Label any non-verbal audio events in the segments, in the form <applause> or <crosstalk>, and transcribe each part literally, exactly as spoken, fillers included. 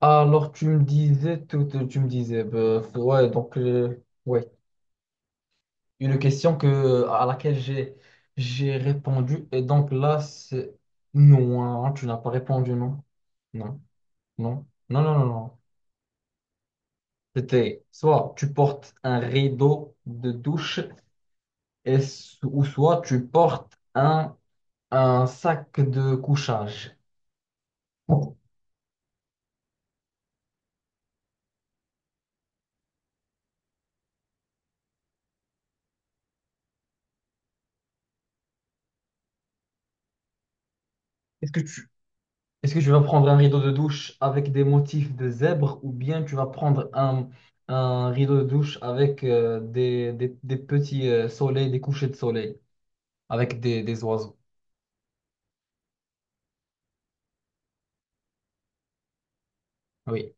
Alors, tu me disais, tout, tu me disais, bah, ouais, donc, euh, ouais, une question que, à laquelle j'ai, j'ai répondu, et donc là, c'est non, hein, tu n'as pas répondu, non, non, non, non, non, non, non. C'était soit tu portes un rideau de douche, et, so- ou soit tu portes un, un sac de couchage. Est-ce que tu, Est-ce que tu vas prendre un rideau de douche avec des motifs de zèbre ou bien tu vas prendre un, un rideau de douche avec euh, des, des- des petits euh, soleils, des couchers de soleil, avec des, des oiseaux? Oui.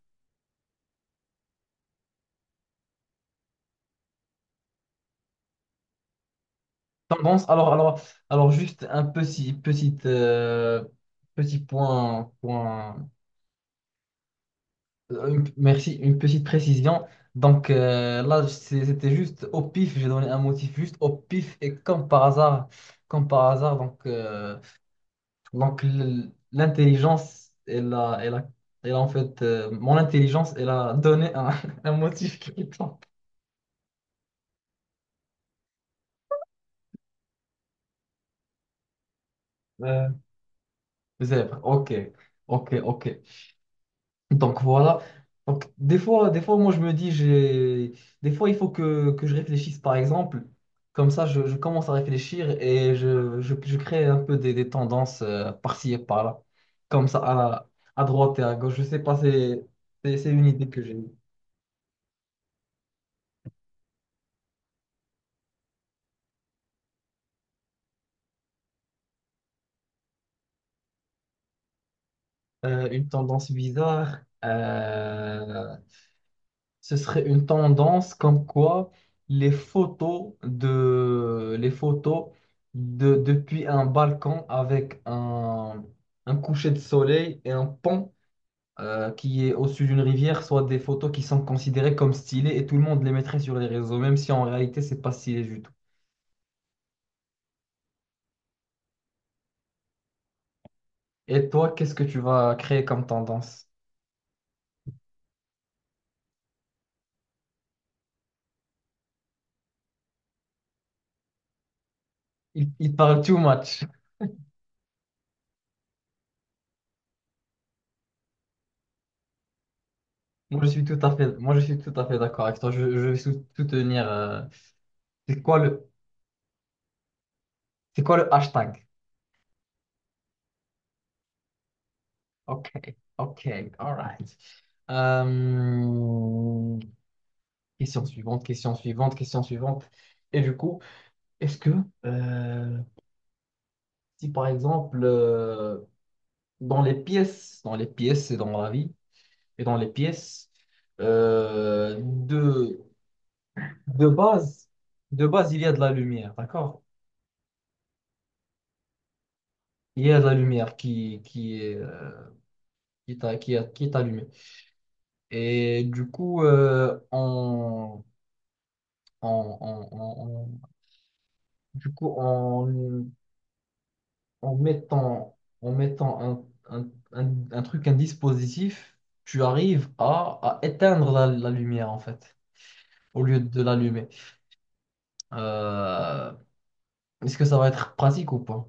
Tendance, alors, alors, alors juste un petit, petite, euh, petit point, point euh, une- merci, une petite précision. Donc euh, là, c'est- c'était juste au pif, j'ai donné un motif juste au pif et comme par hasard, comme par hasard, donc euh, Donc, l- l'intelligence, elle a, elle a, elle a en fait, euh, mon intelligence, elle a donné un, <laughs> un motif qui me tente. Euh, zèbre, ok, ok, ok. Donc, voilà. Donc, des fois, des fois, moi, je me dis, j'ai... Des fois, il faut que, que je réfléchisse, par exemple. Comme ça, je, je commence à réfléchir et je, je, je crée un peu des, des tendances euh, par-ci et par-là. Comme ça, à, à droite et à gauche. Je sais pas, c'est c'est- c'est une idée que j'ai. Euh, une tendance bizarre, euh, ce serait une tendance comme quoi les photos de les photos de depuis un balcon avec un, un coucher de soleil et un pont euh, qui est au-dessus d'une rivière soient des photos qui sont considérées comme stylées et tout le monde les mettrait sur les réseaux, même si en réalité c'est pas stylé du tout. Et toi, qu'est-ce que tu vas créer comme tendance? Il, il parle too much. Moi, je suis tout à fait, moi, je suis tout à fait d'accord avec toi. Je, je vais sou- soutenir. euh, c'est quoi le, c'est quoi le hashtag? Ok, ok, alright. Euh, Question suivante, question suivante, question suivante. Et du coup, est-ce que, euh, si par exemple, euh, dans les pièces, dans les pièces et dans la vie, et dans les pièces, euh, de, de base, de base, il y a de la lumière, d'accord? Il y a de la lumière qui, qui est. euh, qui t'a qui a- qui est allumé. Et du coup, euh, on, on- on- on- on- du coup, en, en mettant, en mettant un, un- un- un truc, un dispositif, tu arrives à, à éteindre la, la lumière, en fait, au lieu de l'allumer. Euh, Est-ce que ça va être pratique ou pas?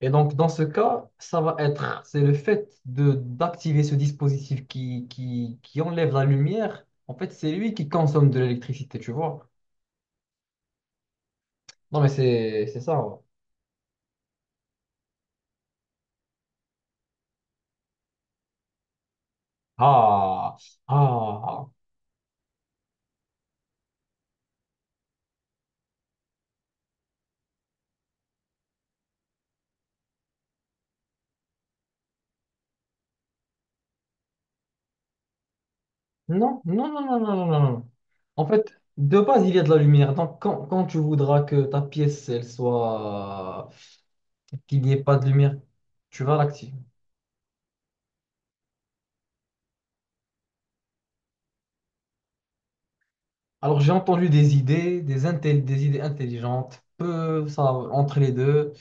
Et donc, dans ce cas, ça va être, c'est le fait de d'activer ce dispositif qui, qui, qui enlève la lumière. En fait, c'est lui qui consomme de l'électricité, tu vois. Non, mais c'est c'est ça. Ouais. Ah, ah. Non, non, non, non, non, non, non. Non. En fait, de base, il y a de la lumière. Donc, quand, quand tu voudras que ta pièce, elle soit... qu'il n'y ait pas de lumière, tu vas l'activer. Alors, j'ai entendu des idées, des, intel- des idées intelligentes, peu ça, entre les deux.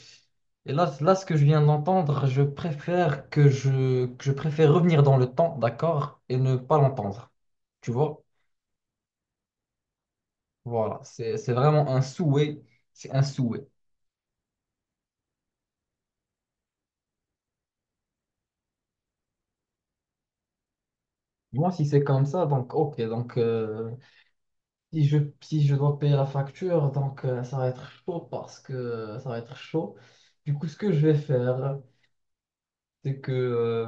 Et là, là, ce que je viens d'entendre, je préfère que je, que je préfère revenir dans le temps, d'accord, et ne pas l'entendre. Tu vois? Voilà, c'est c'est vraiment un souhait. C'est un souhait. Moi, si c'est comme ça, donc ok, donc euh, si je, si je dois payer la facture, donc euh, ça va être chaud parce que euh, ça va être chaud. Du coup, ce que je vais faire, c'est que euh,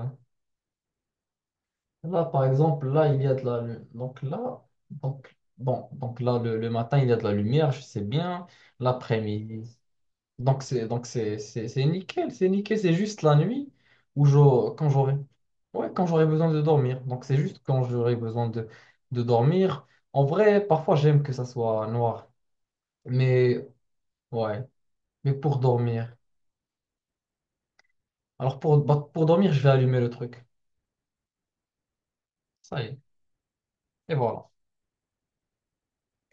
là, par exemple, là, il y a de la lumière. Donc là, donc, bon, donc là, le, le matin, il y a de la lumière, je sais bien. L'après-midi, Donc c'est donc c'est c'est c'est nickel, c'est nickel, c'est juste la nuit où j'aurai- quand j'aurai ouais, quand j'aurai besoin de dormir. Donc c'est juste quand j'aurai besoin de de dormir. En vrai, parfois j'aime que ça soit noir, mais ouais, mais pour dormir. Alors pour bah, pour dormir, je vais allumer le truc. Ça y est. Et voilà.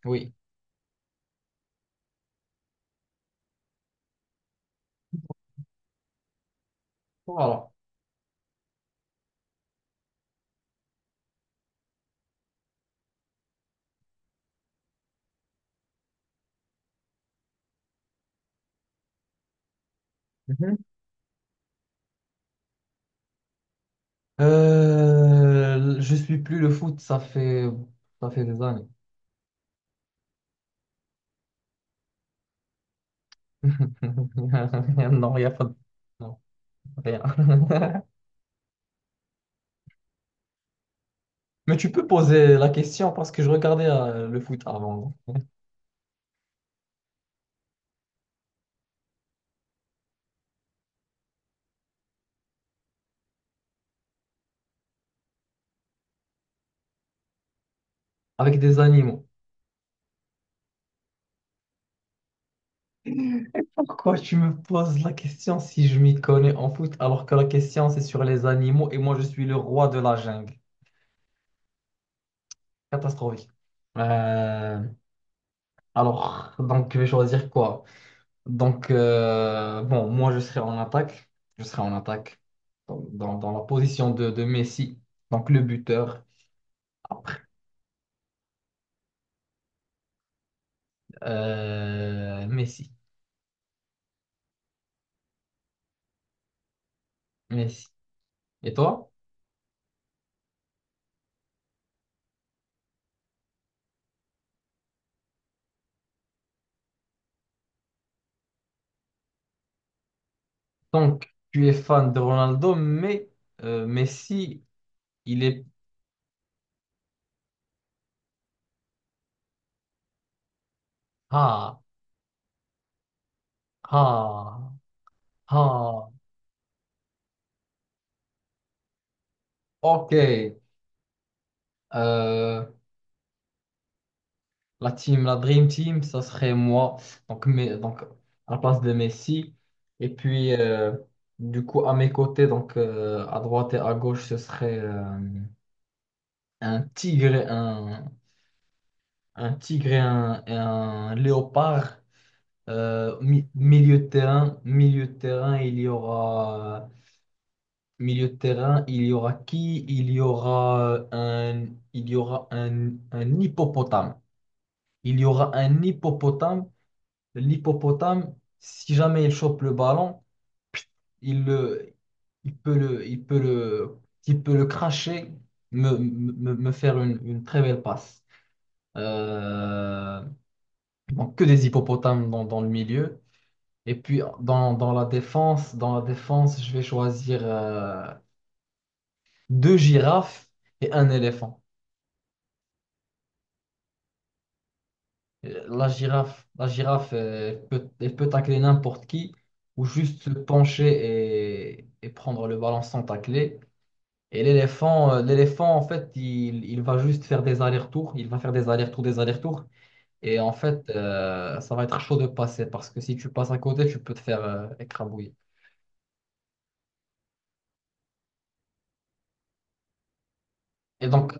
Oui. Voilà. Mhm. Euh, je suis plus le foot, ça fait ça fait des années. <laughs> Non, il y a pas de... Non, rien. <laughs> Mais tu peux poser la question parce que je regardais euh, le foot avant, avec des animaux. Pourquoi tu me poses la question si je m'y connais en foot alors que la question c'est sur les animaux et moi je suis le roi de la jungle? Catastrophique. Euh, alors, donc je vais choisir quoi? Donc, euh, bon, moi je serai en attaque. Je serai en attaque dans, dans- dans la position de, de Messi, donc le buteur. Euh, Messi, Messi. Et toi? Donc, tu es fan de Ronaldo, mais euh, Messi, il est... Ah, ah, ah. Ok. Euh, la team, la Dream Team, ça serait moi. Donc, mais, donc à la place de Messi. Et puis, euh, du coup, à mes côtés, donc euh, à droite et à gauche, ce serait euh, un tigre, et un, un tigre et un, et un léopard. Euh, mi- milieu de terrain, milieu de terrain, il y aura... Milieu de terrain, il y aura qui? Il y aura euh, un, il y aura un, un hippopotame. Il y aura un hippopotame. L'hippopotame, si jamais il chope le ballon, il le, il peut le, il peut le, il peut le cracher, me, me, me faire une, une très belle passe. Euh, donc que des hippopotames dans, dans le milieu. Et puis dans, dans la défense, dans la défense, je vais choisir euh, deux girafes et un éléphant. Euh, La girafe, la girafe, euh, elle peut, elle peut tacler n'importe qui ou juste se pencher et, et prendre le ballon sans tacler. Et l'éléphant, euh, l'éléphant, en fait, il, il va juste faire des allers-retours. Il va faire des allers-retours, des allers-retours. Et en fait, euh, ça va être chaud de passer parce que si tu passes à côté, tu peux te faire euh, écrabouiller. Et donc,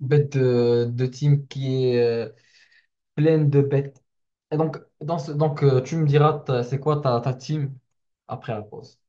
bête de, de team qui est euh, pleine de bêtes. Et donc, dans ce, donc euh, tu me diras, ta- c'est quoi ta, ta team après la pause?